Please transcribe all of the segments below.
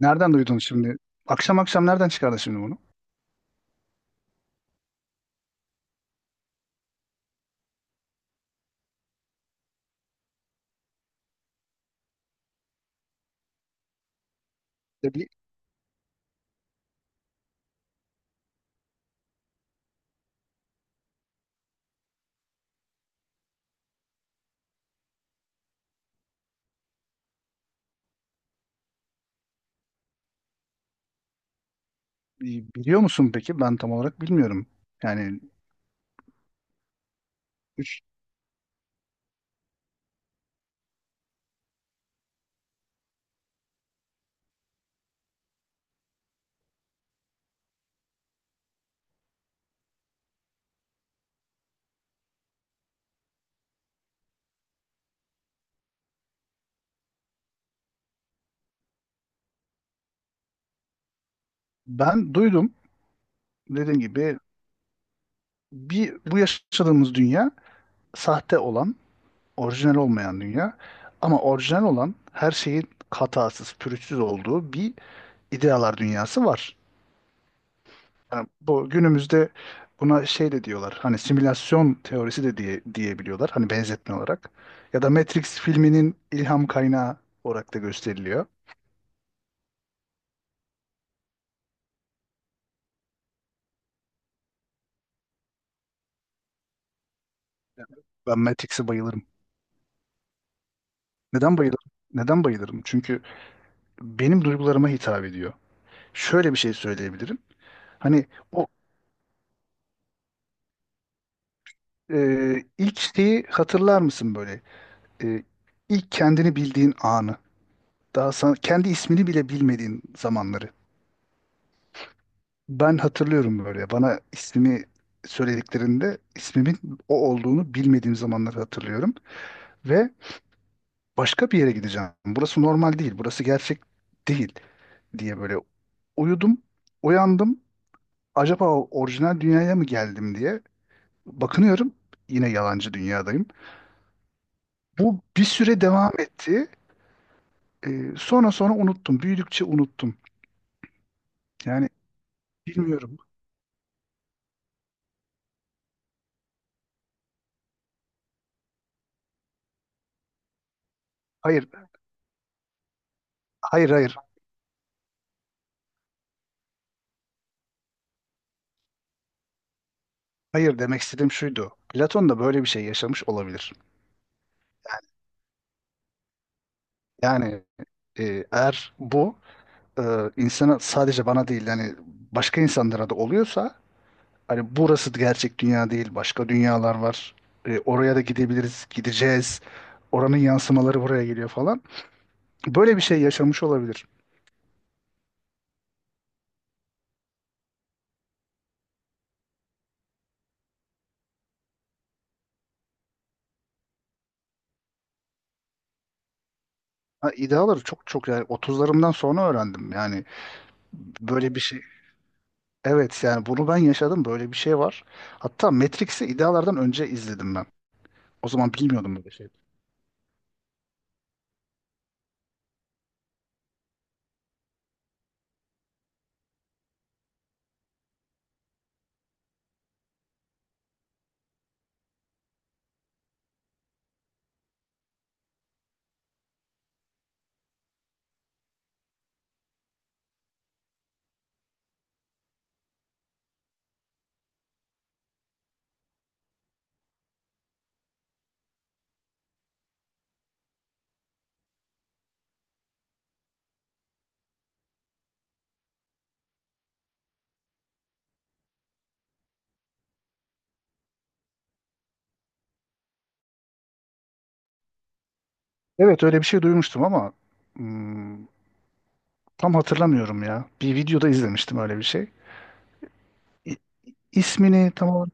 Nereden duydun şimdi? Akşam akşam nereden çıkardın şimdi bunu? E, bi- Biliyor musun peki? Ben tam olarak bilmiyorum. Yani üç, Ben duydum. Dediğim gibi, bir bu yaşadığımız dünya sahte olan, orijinal olmayan dünya. Ama orijinal olan her şeyin hatasız, pürüzsüz olduğu bir idealar dünyası var. Yani bu günümüzde buna şey de diyorlar. Hani simülasyon teorisi de diye diyebiliyorlar. Hani benzetme olarak. Ya da Matrix filminin ilham kaynağı olarak da gösteriliyor. Ben Matrix'e bayılırım. Neden bayılırım? Neden bayılırım? Çünkü benim duygularıma hitap ediyor. Şöyle bir şey söyleyebilirim. Hani o e, ilk şeyi hatırlar mısın böyle? E, ilk kendini bildiğin anı. Daha sana, kendi ismini bile bilmediğin zamanları. Ben hatırlıyorum böyle. Bana ismimi söylediklerinde ismimin o olduğunu bilmediğim zamanları hatırlıyorum. Ve başka bir yere gideceğim. Burası normal değil, burası gerçek değil diye böyle uyudum, uyandım. Acaba orijinal dünyaya mı geldim diye bakınıyorum. Yine yalancı dünyadayım. Bu bir süre devam etti. Sonra sonra unuttum. Büyüdükçe unuttum. Yani bilmiyorum. Hayır, hayır, hayır. Hayır, demek istediğim şuydu. Platon da böyle bir şey yaşamış olabilir. Yani eğer bu e, insana, sadece bana değil, yani başka insanlara da oluyorsa, hani burası gerçek dünya değil, başka dünyalar var. Oraya da gidebiliriz, gideceğiz. Oranın yansımaları buraya geliyor falan. Böyle bir şey yaşamış olabilir. Ha, ideaları çok çok yani otuzlarımdan sonra öğrendim. Yani böyle bir şey. Evet, yani bunu ben yaşadım. Böyle bir şey var. Hatta Matrix'i idealardan önce izledim ben. O zaman bilmiyordum böyle şey. Evet, öyle bir şey duymuştum ama hmm, tam hatırlamıyorum ya. Bir videoda izlemiştim öyle bir şey. İ- İsmini tam olarak,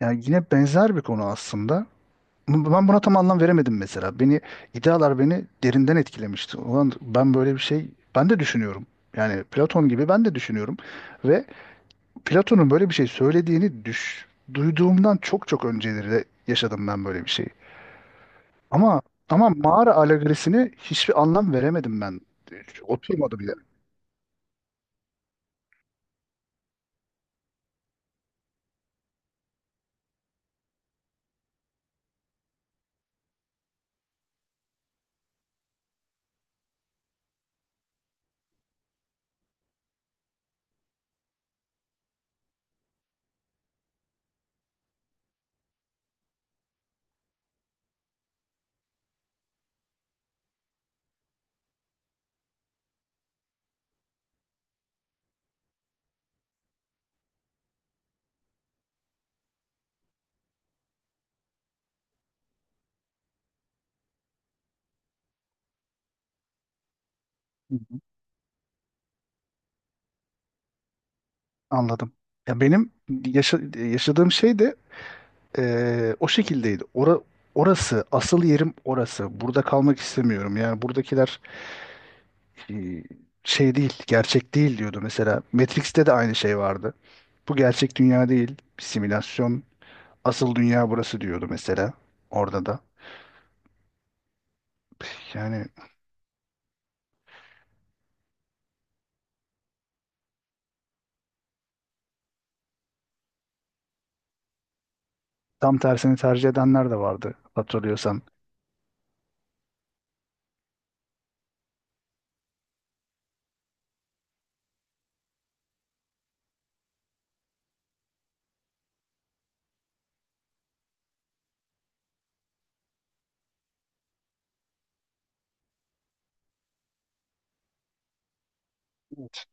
yani yine benzer bir konu aslında. Ben buna tam anlam veremedim mesela. İdealar beni derinden etkilemişti. Ulan ben böyle bir şey, ben de düşünüyorum. Yani Platon gibi ben de düşünüyorum ve Platon'un böyle bir şey söylediğini duyduğumdan çok çok önceleri de yaşadım ben böyle bir şeyi. Ama ama mağara alegorisini hiçbir anlam veremedim ben. Oturmadı bile. Anladım. Ya benim yaşadığım şey de o şekildeydi. Orası, asıl yerim orası. Burada kalmak istemiyorum. Yani buradakiler eee, şey değil, gerçek değil diyordu mesela. Matrix'te de aynı şey vardı. Bu gerçek dünya değil, bir simülasyon. Asıl dünya burası diyordu mesela. Orada da. Yani tam tersini tercih edenler de vardı hatırlıyorsan. Evet.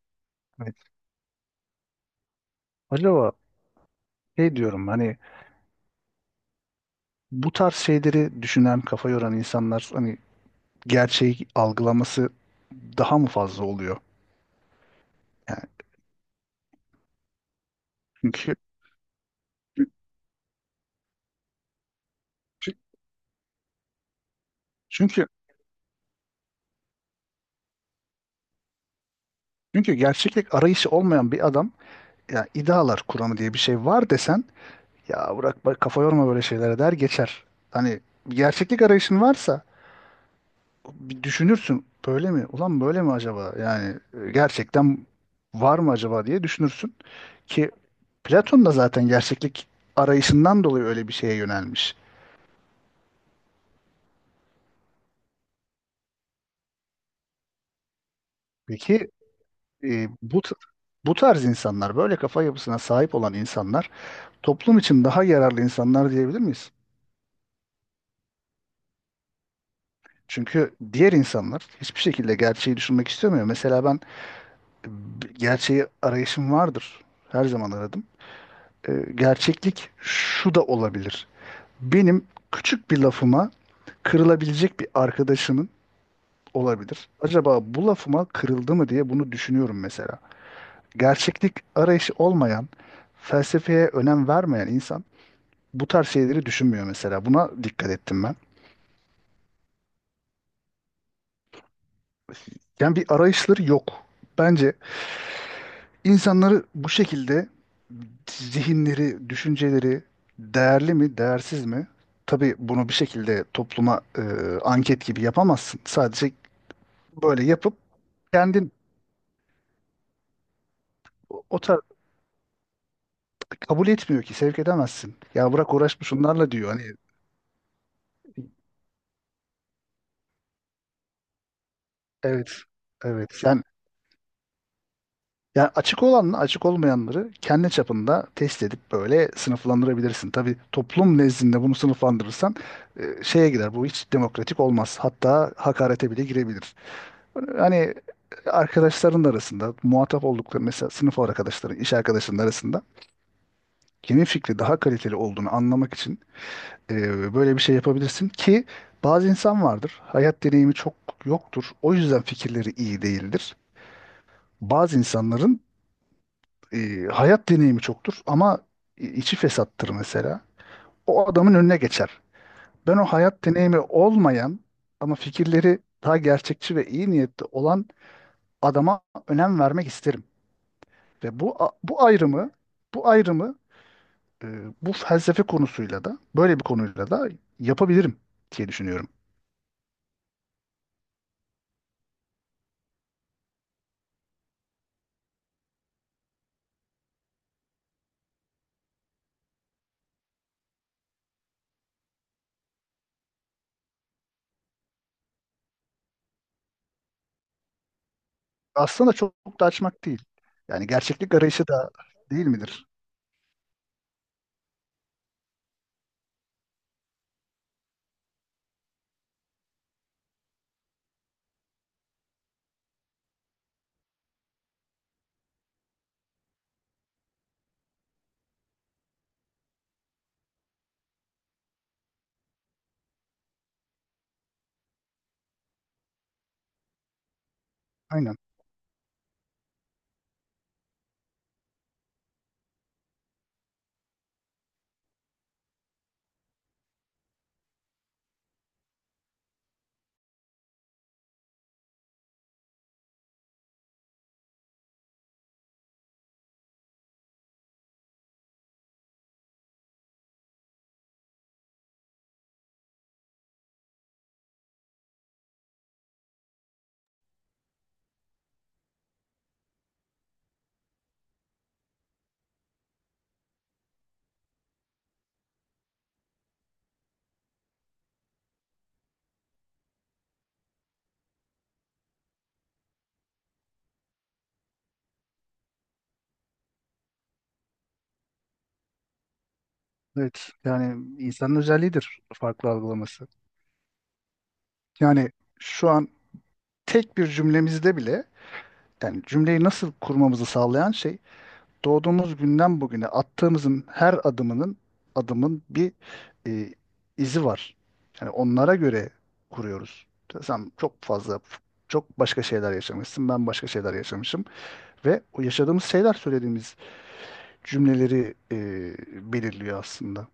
Evet. Acaba şey diyorum, hani bu tarz şeyleri düşünen, kafa yoran insanlar, hani gerçeği algılaması daha mı fazla oluyor? Yani çünkü çünkü çünkü gerçeklik arayışı olmayan bir adam, ya idealar kuramı diye bir şey var desen, ya bırak bak kafa yorma böyle şeylere der geçer. Hani gerçeklik arayışın varsa bir düşünürsün böyle mi? Ulan böyle mi acaba? Yani gerçekten var mı acaba diye düşünürsün ki Platon da zaten gerçeklik arayışından dolayı öyle bir şeye yönelmiş. Peki e, bu t- bu tarz insanlar, böyle kafa yapısına sahip olan insanlar, toplum için daha yararlı insanlar diyebilir miyiz? Çünkü diğer insanlar hiçbir şekilde gerçeği düşünmek istemiyor. Mesela ben, gerçeği arayışım vardır. Her zaman aradım. E, gerçeklik şu da olabilir. Benim küçük bir lafıma kırılabilecek bir arkadaşımın olabilir. Acaba bu lafıma kırıldı mı diye bunu düşünüyorum mesela. Gerçeklik arayışı olmayan, felsefeye önem vermeyen insan bu tarz şeyleri düşünmüyor mesela. Buna dikkat ettim ben. Yani bir arayışları yok. Bence insanları bu şekilde, zihinleri, düşünceleri değerli mi, değersiz mi? Tabii bunu bir şekilde topluma anket gibi yapamazsın. Sadece böyle yapıp kendin o tarz kabul etmiyor ki sevk edemezsin. Ya bırak uğraşma şunlarla diyor. Hani evet. Evet. Yani açık olanla açık olmayanları kendi çapında test edip böyle sınıflandırabilirsin. Tabii toplum nezdinde bunu sınıflandırırsan şeye gider. Bu hiç demokratik olmaz. Hatta hakarete bile girebilir. Hani arkadaşların arasında muhatap oldukları, mesela sınıf arkadaşların, iş arkadaşların arasında kimin fikri daha kaliteli olduğunu anlamak için böyle bir şey yapabilirsin ki bazı insan vardır. Hayat deneyimi çok yoktur. O yüzden fikirleri iyi değildir. Bazı insanların hayat deneyimi çoktur ama içi fesattır mesela. O adamın önüne geçer. Ben o hayat deneyimi olmayan ama fikirleri daha gerçekçi ve iyi niyetli olan adama önem vermek isterim. Ve bu ayrımı, bu ayrımı e, bu felsefe konusuyla da, böyle bir konuyla da, yapabilirim diye düşünüyorum. Aslında çok, çok da açmak değil. Yani gerçeklik arayışı da değil midir? Aynen. Evet. Yani insanın özelliğidir farklı algılaması. Yani şu an tek bir cümlemizde bile, yani cümleyi nasıl kurmamızı sağlayan şey, doğduğumuz günden bugüne attığımızın her adımın bir e, izi var. Yani onlara göre kuruyoruz. Sen çok fazla Çok başka şeyler yaşamışsın, ben başka şeyler yaşamışım ve o yaşadığımız şeyler söylediğimiz cümleleri belirliyor aslında.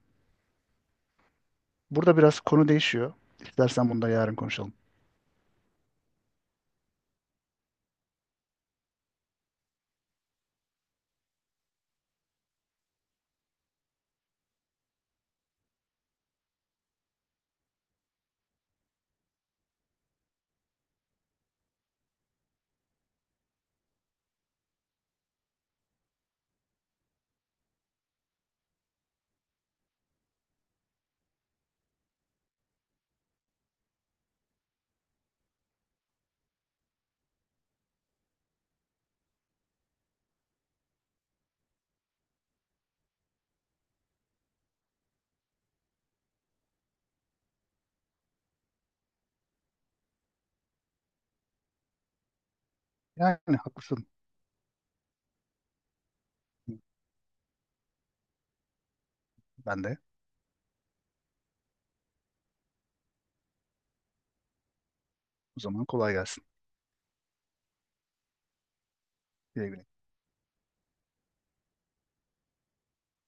Burada biraz konu değişiyor. İstersen bunu da yarın konuşalım. Yani haklısın. Ben de. O zaman kolay gelsin. Güle güle.